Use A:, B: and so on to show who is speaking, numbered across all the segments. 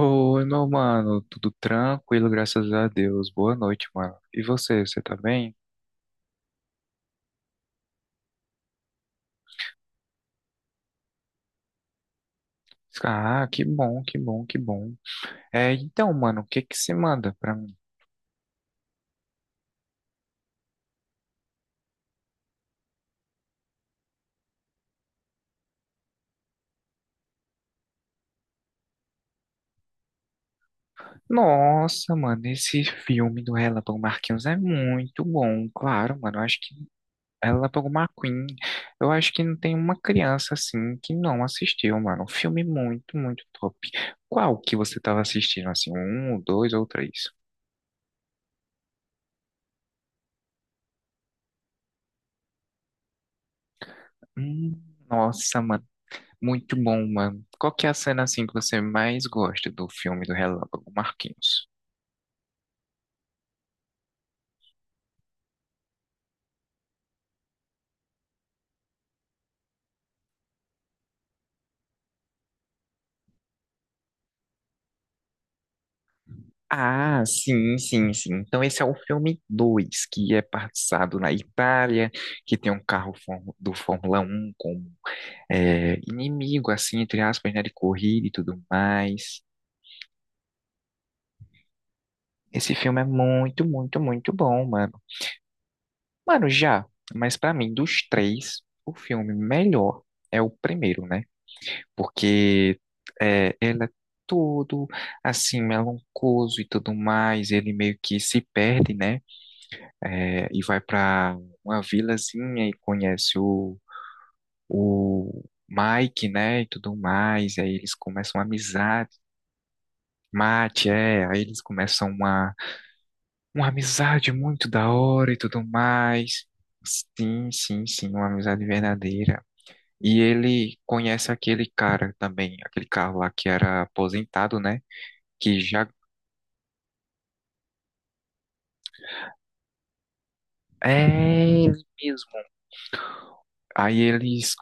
A: Oi, meu mano, tudo tranquilo, graças a Deus. Boa noite, mano. E você tá bem? Ah, que bom, que bom, que bom. É, então, mano, o que que se manda pra mim? Nossa, mano, esse filme do Relâmpago Marquinhos é muito bom, claro, mano. Eu acho que Relâmpago McQueen, eu acho que não tem uma criança assim que não assistiu, mano. Um filme muito, muito top. Qual que você tava assistindo, assim? Um, dois ou três? Hum, nossa, mano. Muito bom, mano. Qual que é a cena assim que você mais gosta do filme do Relâmpago Marquinhos? Ah, sim, sim, sim. Então esse é o filme 2 que é passado na Itália, que tem um carro do Fórmula 1 como é, inimigo, assim, entre aspas, né, de corrida e tudo mais. Esse filme é muito, muito, muito bom, mano. Mano, já, mas pra mim, dos três, o filme melhor é o primeiro, né? Porque ele é todo assim melancoso e tudo mais. Ele meio que se perde, né? É, e vai para uma vilazinha e conhece o Mike, né? E tudo mais. Aí eles começam uma amizade. Mate, é, aí eles começam uma amizade muito da hora e tudo mais. Sim, sim, sim, uma amizade verdadeira. E ele conhece aquele cara também, aquele cara lá que era aposentado, né? que já é ele mesmo. Aí eles,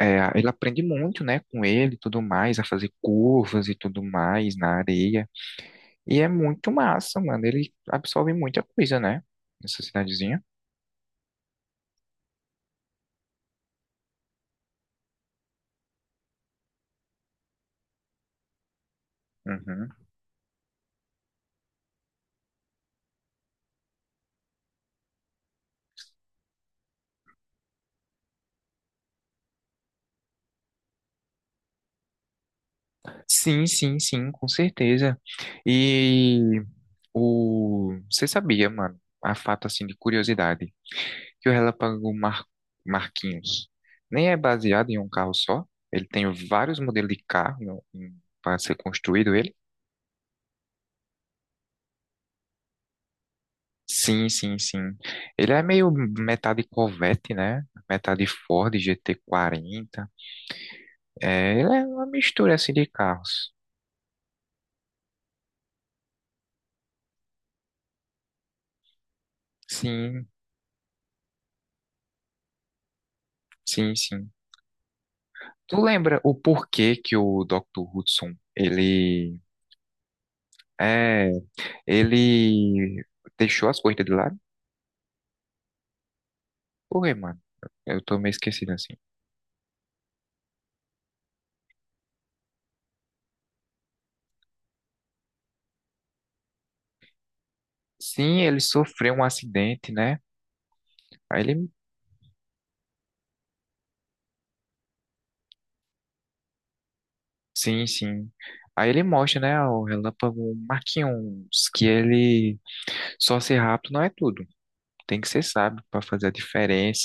A: é, ele aprende muito, né, com ele e tudo mais, a fazer curvas e tudo mais na areia. E é muito massa, mano. Ele absorve muita coisa, né, nessa cidadezinha. Uhum. Sim, sim, sim, com certeza. E você sabia, mano, a fato assim de curiosidade, que o Relâmpago Marquinhos nem é baseado em um carro só. Ele tem vários modelos de carro para ser construído ele. Sim, sim, sim. Ele é meio metade Corvette, né? Metade Ford GT40. É, ele é uma mistura assim de carros. Sim, sim, sim. Tu lembra o porquê que o Dr. Hudson, é, ele deixou as coisas de lado? Por quê, mano? Eu tô meio esquecido assim. Sim, ele sofreu um acidente, né? Aí ele, sim, sim. Aí ele mostra, né, o Relâmpago Marquinhos, que ele só ser rápido não é tudo. Tem que ser sábio para fazer a diferença.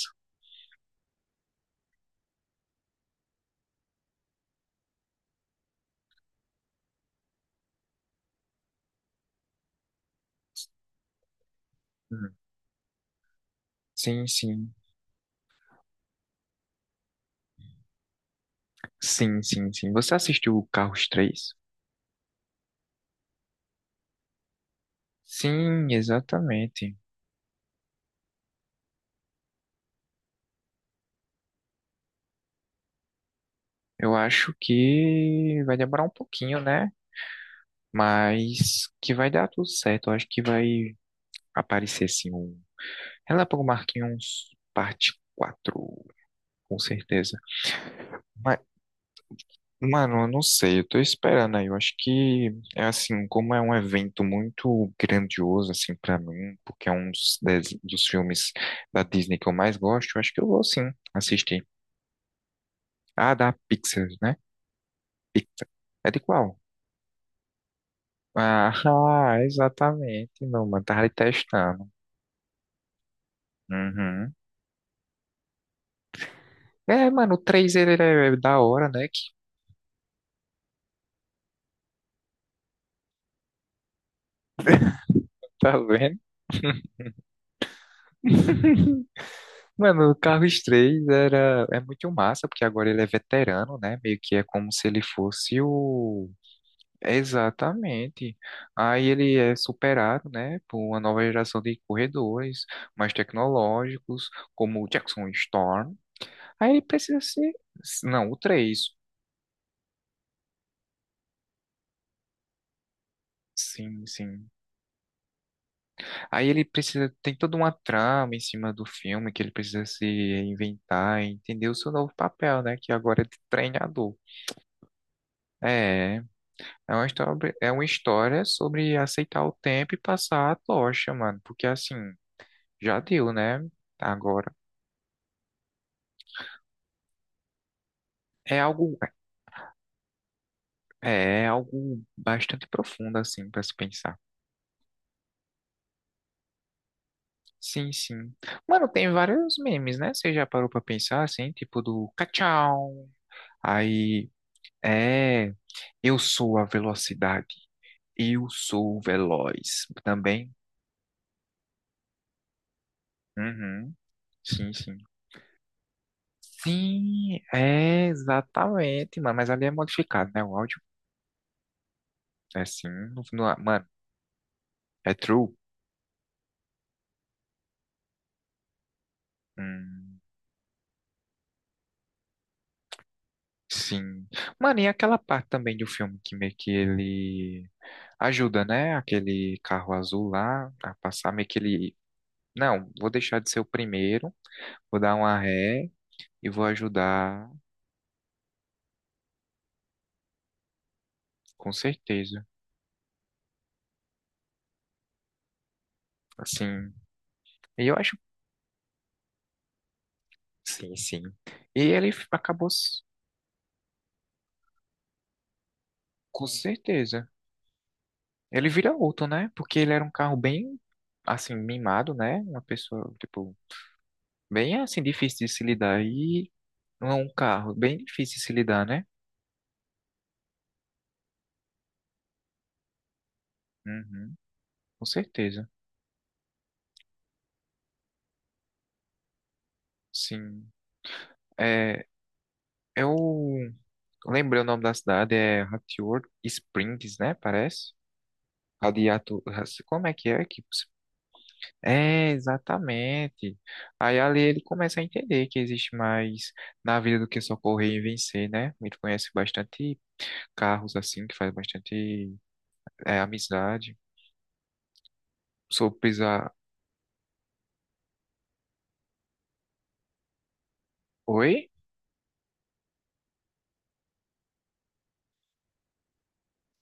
A: Hum. Sim, sim. Sim, sim, sim. Você assistiu o Carros 3. Sim, exatamente. Eu acho que vai demorar um pouquinho, né? Mas que vai dar tudo certo. Eu acho que vai aparecer sim o Relâmpago Marquinhos parte 4, com certeza. Mas, mano, eu não sei, eu tô esperando aí. Eu acho que é assim, como é um evento muito grandioso, assim, pra mim, porque é um dos filmes da Disney que eu mais gosto, eu acho que eu vou sim assistir. Ah, da Pixar, né? Pixar. É de qual? Ah, ah, exatamente, não, mano, tava ali testando. Uhum. É, mano, o 3 ele é da hora, né? Que tá vendo? Mano, o Carlos 3 é muito massa, porque agora ele é veterano, né? Meio que é como se ele fosse o. Exatamente. Aí ele é superado, né, por uma nova geração de corredores mais tecnológicos, como o Jackson Storm. Aí ele precisa ser. Não, o 3. Sim, sim. Aí ele precisa. Tem toda uma trama em cima do filme que ele precisa se reinventar, e entender o seu novo papel, né? Que agora é de treinador. É, É, uma história, é uma história sobre aceitar o tempo e passar a tocha, mano. Porque assim, já deu, né? Agora. É algo, é algo bastante profundo, assim, pra se pensar. Sim, sim. Mano, tem vários memes, né? Você já parou pra pensar, assim, tipo do cachau. Aí, é, eu sou a velocidade. Eu sou veloz. Também. Uhum. Sim, sim. Sim, é exatamente, mano. Mas ali é modificado, né? O áudio é assim. Ah, mano, é true. Hum, sim. Mano, e aquela parte também do filme que meio que ele ajuda, né? Aquele carro azul lá a passar, meio que ele. Não, vou deixar de ser o primeiro, vou dar uma ré e vou ajudar, com certeza. Assim, e eu acho. Sim, sim. E ele acabou, com certeza. Ele vira outro, né? Porque ele era um carro bem, assim, mimado, né? Uma pessoa, tipo, bem, assim, difícil de se lidar. E é um carro bem difícil de se lidar, né? Uhum, com certeza. Sim. É, eu lembrei o nome da cidade, é Hatfield Springs, né? Parece. Radiato... Como é que é? É, exatamente. Aí ali ele começa a entender que existe mais na vida do que só correr e vencer, né? Ele conhece bastante carros assim, que faz bastante amizade. Sou pisar. Oi?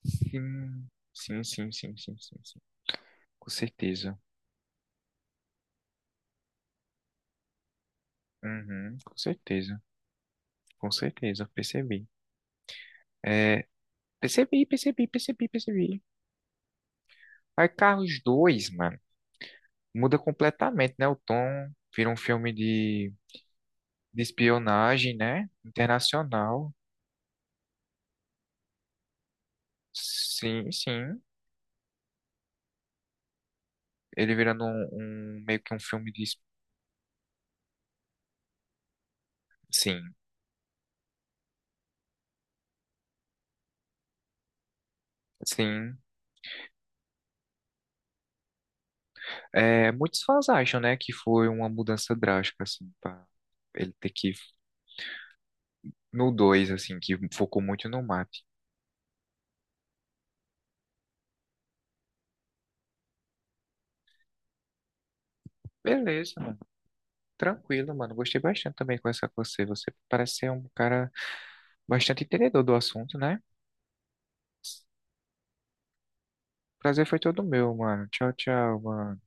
A: Sim, sim, sim, sim, sim, sim, sim. Com certeza. Uhum, com certeza. Com certeza, percebi. É, percebi, percebi, percebi, percebi. Aí Carros 2 mano, muda completamente, né? O tom vira um filme de espionagem, né? Internacional. Sim, sim. Ele virando um meio que um filme de. Sim, sim. É, muitos fãs acham, né, que foi uma mudança drástica, assim, pra ele ter que, no 2 assim, que focou muito no mate. Beleza, mano. Tranquilo, mano. Gostei bastante também de conversar com você. Você parece ser um cara bastante entendedor do assunto, né? Prazer foi todo meu, mano. Tchau, tchau, mano.